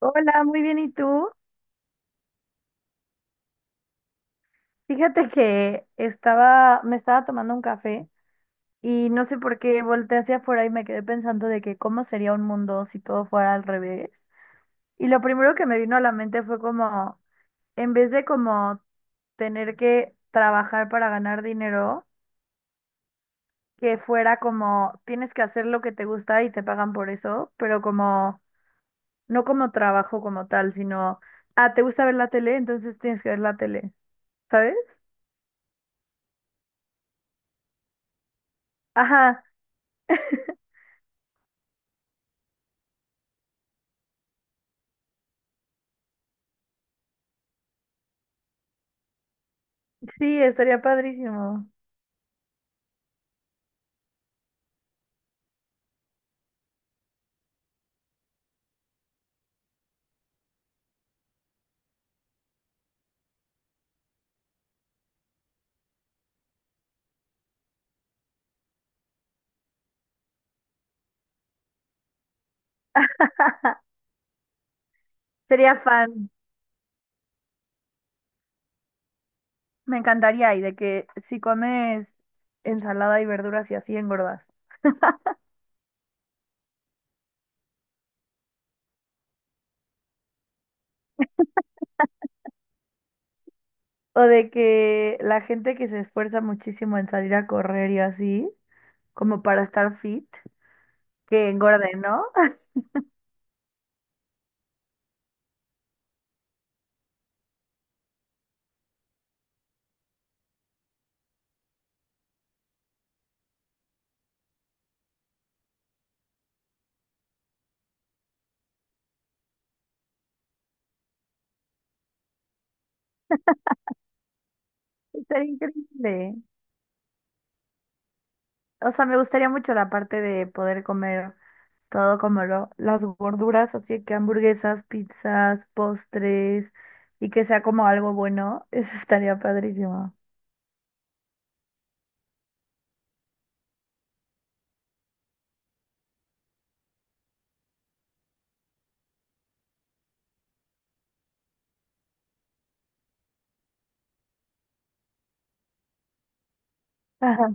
Hola, muy bien, ¿y tú? Fíjate que estaba, me estaba tomando un café y no sé por qué volteé hacia afuera y me quedé pensando de que cómo sería un mundo si todo fuera al revés. Y lo primero que me vino a la mente fue como, en vez de como tener que trabajar para ganar dinero, que fuera como, tienes que hacer lo que te gusta y te pagan por eso, pero como, no como trabajo como tal, sino, ah, ¿te gusta ver la tele? Entonces tienes que ver la tele, ¿sabes? Ajá. Sí, estaría padrísimo. Sería fan. Me encantaría. Y de que si comes ensalada y verduras y así engordas. O de que la gente que se esfuerza muchísimo en salir a correr y así, como para estar fit, que engorde, ¿no? Estaría increíble. O sea, me gustaría mucho la parte de poder comer todo como lo, las gorduras, así que hamburguesas, pizzas, postres y que sea como algo bueno. Eso estaría padrísimo. Ajá,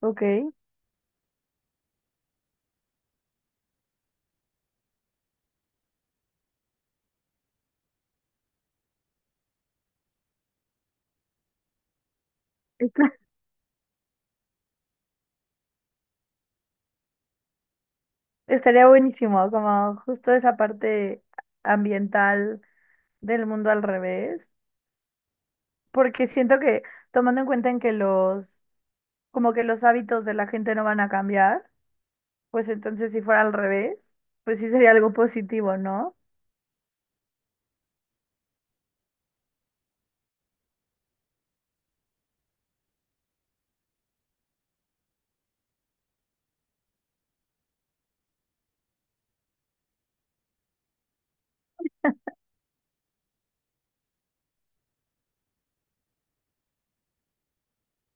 ok. Estaría buenísimo, como justo esa parte ambiental del mundo al revés, porque siento que tomando en cuenta en que los, como que los hábitos de la gente no van a cambiar, pues entonces si fuera al revés, pues sí sería algo positivo, ¿no?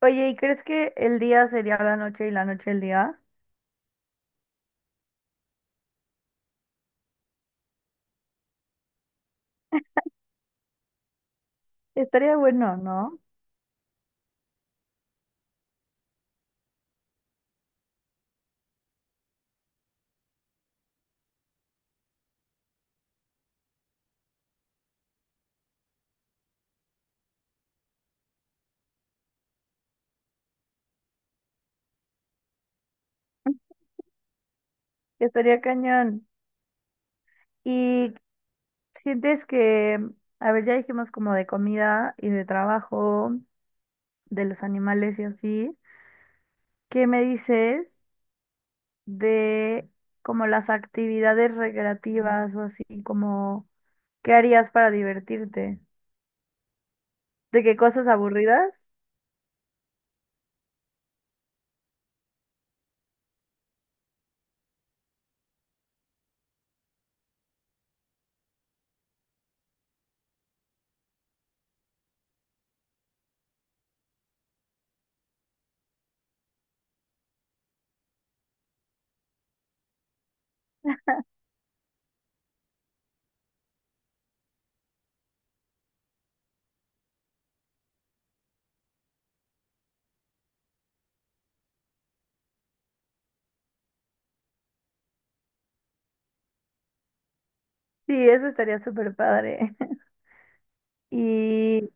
Oye, ¿y crees que el día sería la noche y la noche el día? Estaría bueno, ¿no? Estaría cañón. ¿Y sientes que, a ver, ya dijimos como de comida y de trabajo, de los animales y así? ¿Qué me dices de como las actividades recreativas o así, como qué harías para divertirte? ¿De qué cosas aburridas? Sí, eso estaría súper padre. Y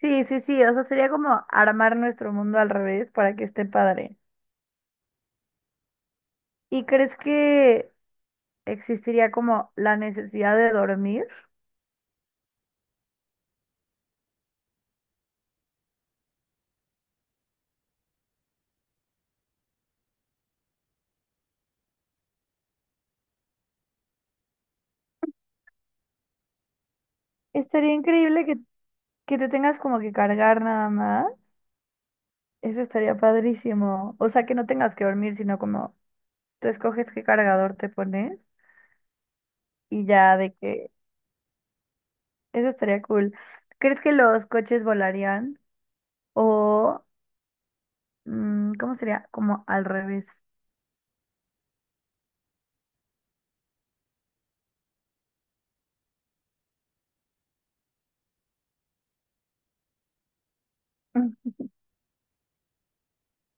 sí, o sea, sería como armar nuestro mundo al revés para que esté padre. ¿Y crees que existiría como la necesidad de dormir? Estaría increíble que te tengas como que cargar nada más. Eso estaría padrísimo. O sea, que no tengas que dormir, sino como tú escoges qué cargador te pones y ya de que eso estaría cool. ¿Crees que los coches volarían? O, ¿cómo sería? Como al revés.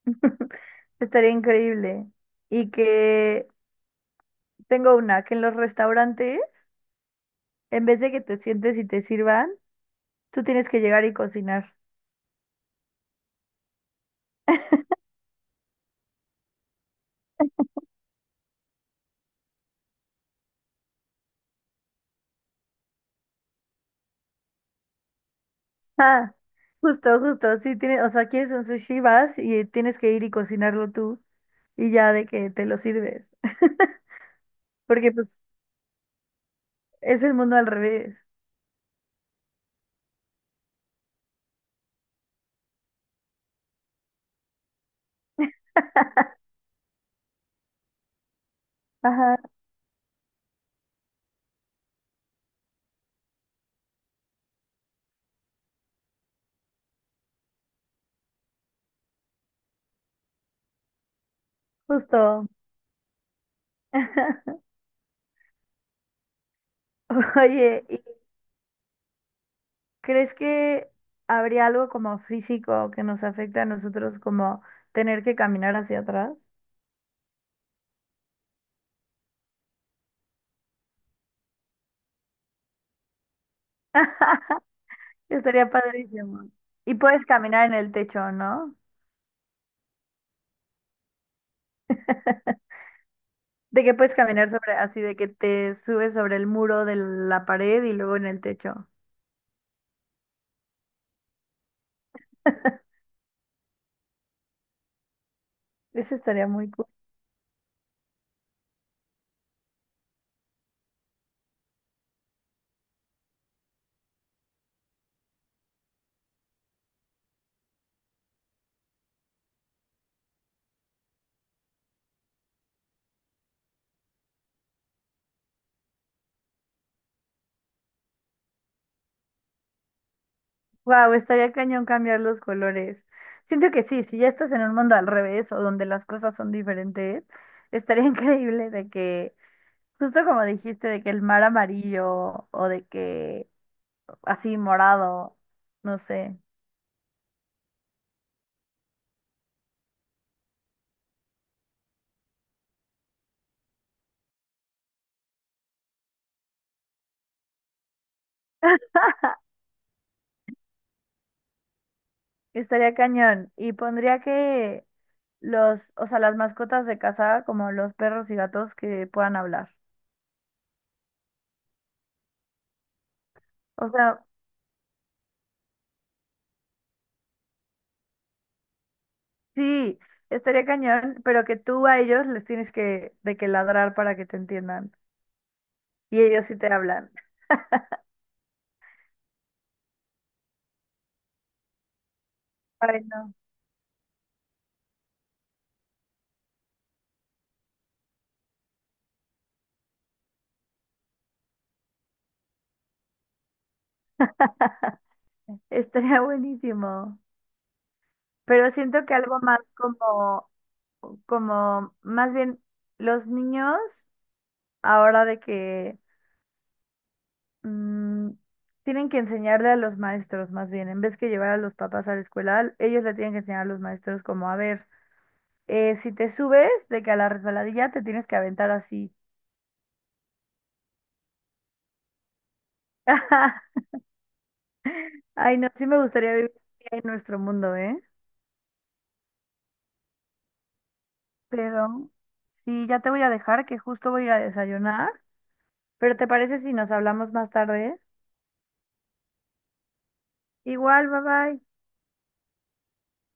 Estaría increíble. Y que tengo una, que en los restaurantes, en vez de que te sientes y te sirvan, tú tienes que llegar y cocinar. Ah, justo. Sí, tienes, o sea, quieres un sushi, vas y tienes que ir y cocinarlo tú y ya de que te lo sirves. Porque pues es el mundo al revés. Ajá, justo. Oye, ¿y crees que habría algo como físico que nos afecte a nosotros como tener que caminar hacia atrás? Estaría padrísimo. Y puedes caminar en el techo, ¿no? De que puedes caminar sobre, así de que te subes sobre el muro de la pared y luego en el techo. Eso estaría muy cool. Wow, estaría cañón cambiar los colores. Siento que sí, si ya estás en un mundo al revés o donde las cosas son diferentes, estaría increíble de que, justo como dijiste, de que el mar amarillo o de que así morado, no sé, estaría cañón. Y pondría que los, o sea, las mascotas de casa, como los perros y gatos que puedan hablar. O sea, sí, estaría cañón, pero que tú a ellos les tienes que, de que ladrar para que te entiendan. Y ellos sí te hablan. Ay, no. Estaría buenísimo. Pero siento que algo más como, como, más bien los niños, ahora de que mm, tienen que enseñarle a los maestros, más bien, en vez que llevar a los papás a la escuela, ellos le tienen que enseñar a los maestros como, a ver, si te subes de que a la resbaladilla te tienes que aventar así. Ay, no, sí me gustaría vivir en nuestro mundo, ¿eh? Pero sí, ya te voy a dejar, que justo voy a ir a desayunar. Pero ¿te parece si nos hablamos más tarde? Igual, bye bye.